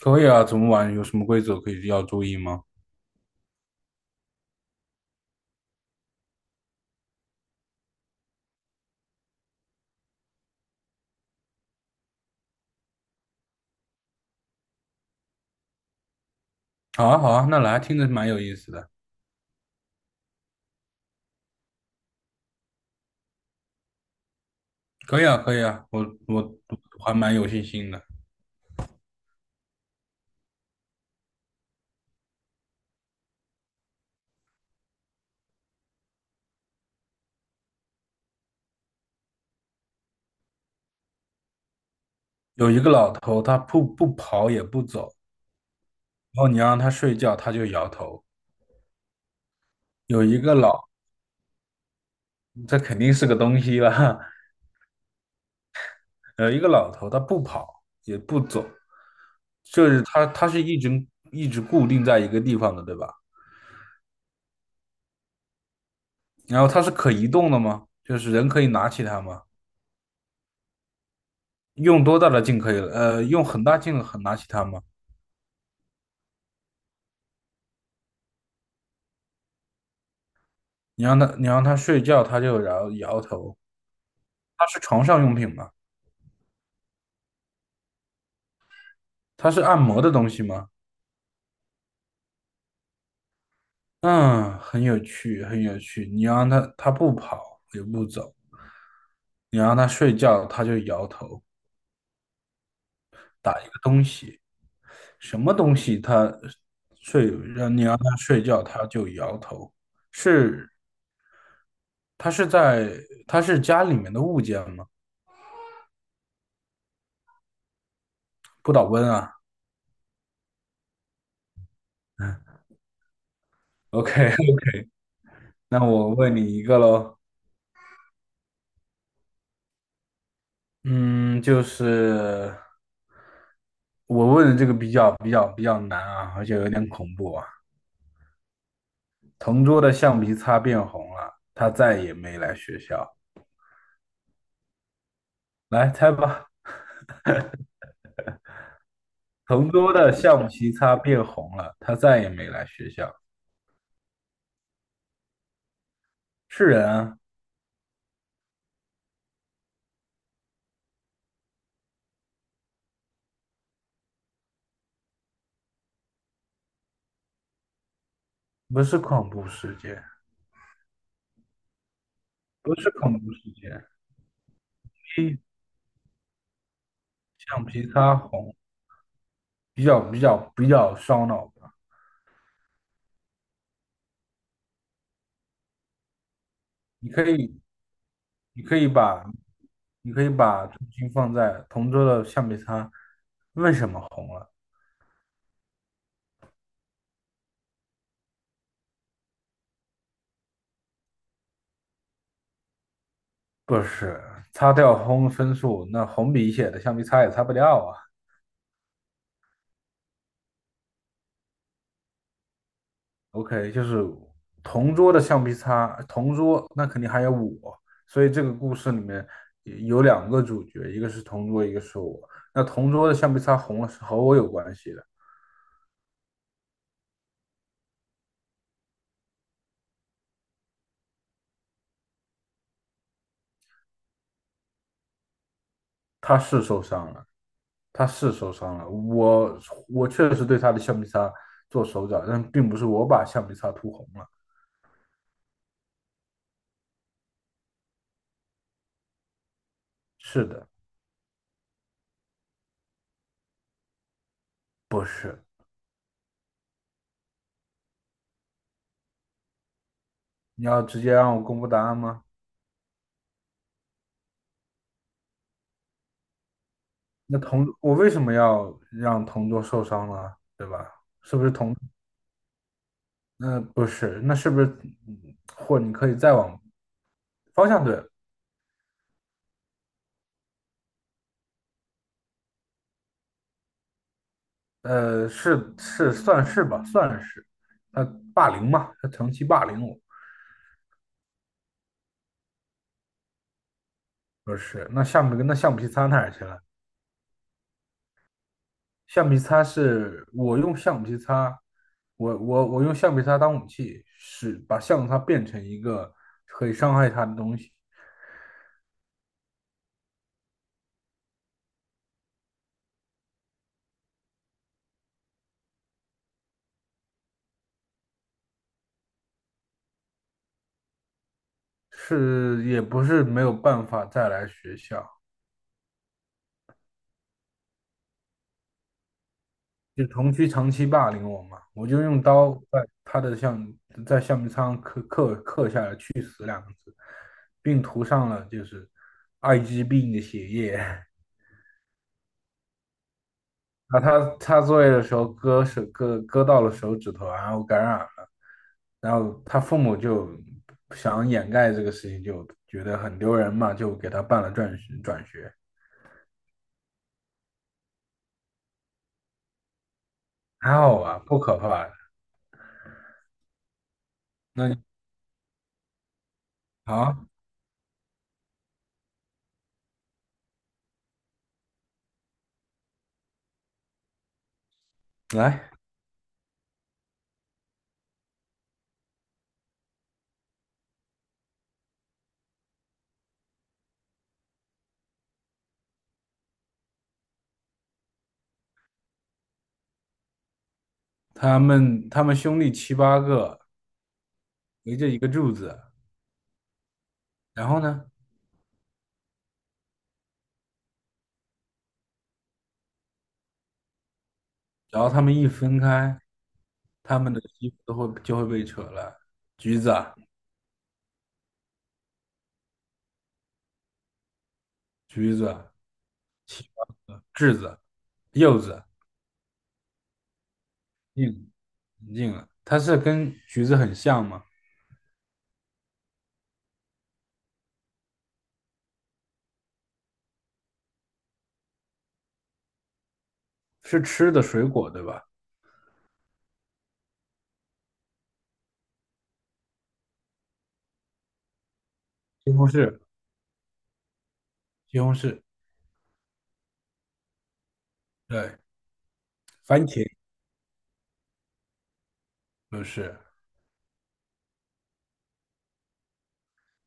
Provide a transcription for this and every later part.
可以啊，怎么玩？有什么规则可以要注意吗？好啊，好啊，那来，听着蛮有意思的。可以啊，可以啊，我我还蛮有信心的。有一个老头，他不跑也不走，然后你让他睡觉，他就摇头。有一个老，这肯定是个东西了。有一个老头，他不跑也不走，就是他是一直固定在一个地方的，对吧？然后他是可移动的吗？就是人可以拿起它吗？用多大的劲可以？用很大劲很拿起它吗？你让他睡觉，他就摇摇头。它是床上用品吗？它是按摩的东西吗？嗯，很有趣，很有趣。你让他他不跑也不走，你让他睡觉，他就摇头。打一个什么东西它？他睡让你让他睡觉，他就摇头。是他是在他是家里面的物件吗？不倒翁啊。嗯，OK,那我问你一个喽。嗯，就是。我问的这个比较难啊，而且有点恐怖啊。同桌的橡皮擦变红了，他再也没来学校。来猜吧，同桌的橡皮擦变红了，他再也没来学校。是人啊，不是恐怖事件，不是恐怖事件。一橡皮擦红，比较烧脑的。你可以，你可以把，你可以把重心放在同桌的橡皮擦为什么红了。不是，擦掉红分数，那红笔写的橡皮擦也擦不掉啊。OK,就是同桌的橡皮擦，同桌那肯定还有我，所以这个故事里面有两个主角，一个是同桌，一个是我。那同桌的橡皮擦红了是和我有关系的，他是受伤了，他是受伤了，我确实对他的橡皮擦做手脚，但并不是我把橡皮擦涂红了。是的，不是。你要直接让我公布答案吗？那同，我为什么要让同桌受伤呢？对吧？那不是，那是不是，或你可以再往方向对，是算是吧，算是。那霸凌嘛，他长期霸凌我，不是。那橡皮跟那橡皮擦哪儿去了？橡皮擦是我用橡皮擦，我用橡皮擦当武器，是把橡皮擦变成一个可以伤害他的东西，是也不是没有办法再来学校。就同居长期霸凌我嘛，我就用刀在他的橡在橡皮擦上刻下了去，并涂上了就是艾滋病的血液。啊，他擦作业的时候割到了手指头，然后感染了，然后他父母就想掩盖这个事情，就觉得很丢人嘛，就给他办了转学，还好吧，不可怕的那你好，来，他们兄弟七八个围着一个柱子，然后呢？只要他们一分开，他们的衣服就会被扯烂。橘子啊橘子啊，柿柿子，柚子，硬硬了。它是跟橘子很像吗？是吃的水果对吧？西红柿，西红柿，对，番茄不是，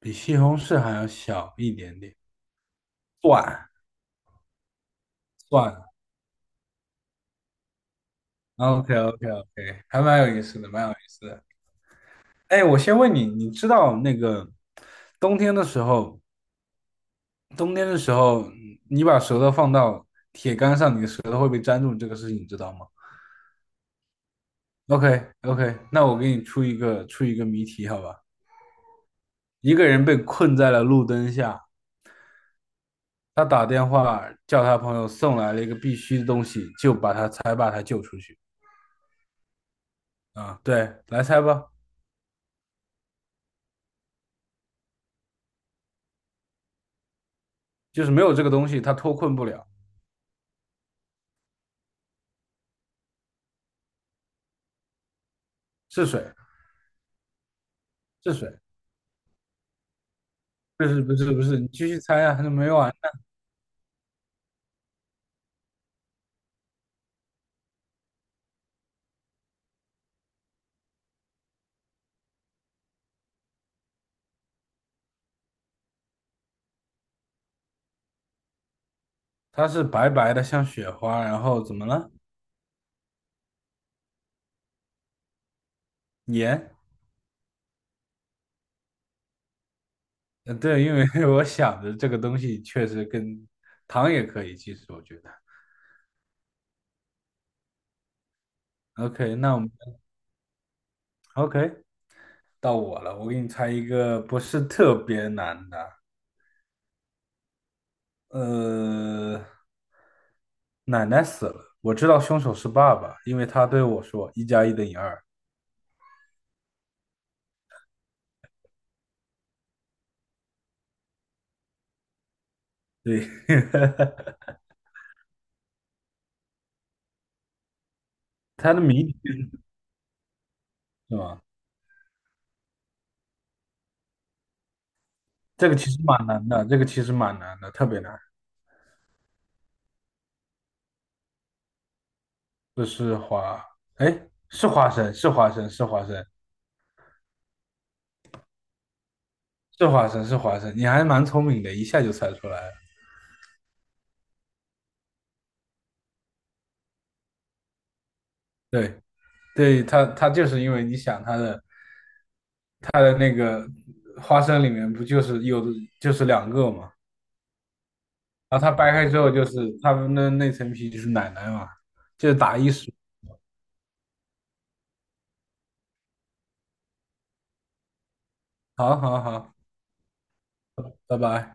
比西红柿还要小一点点。蒜，蒜，OK OK OK,还蛮有意思的，蛮有意思的。哎，我先问你，你知道那个冬天的时候？冬天的时候，你把舌头放到杆上，你的舌头会被粘住，这个事情你知道吗？OK OK,那我给你出一个出一个谜题，好吧？一个人被困在了路灯下，他打电话叫他朋友送来了一个必须的东西，就把他才把他救出去。啊，对，来猜吧，就是没有这个东西，他脱困不了，是水，是水，不是不是不是，你继续猜啊，还是没有啊，它是白白的，像雪花，然后怎么了？盐。嗯，对，因为 我想着这个东西确实跟糖也可以，其实我觉得。OK,那我们 OK 到我了，我给你猜一个不是特别难的。呃，奶奶死了，我知道凶手是爸爸，因为他对我说"1+1=2"。对，他的谜底是吗？这个其实蛮难的，这个其实蛮难的，特别难。这是花，哎，是花生，是花生，是花生。是花生，是花生，你还蛮聪明的，一下就猜出来了。对，对，他就是因为你想他的那个花生里面不就是有的就是两个嘛，然后它掰开之后就是他们的那层皮就是奶奶嘛，就是打一手。好好好，拜拜。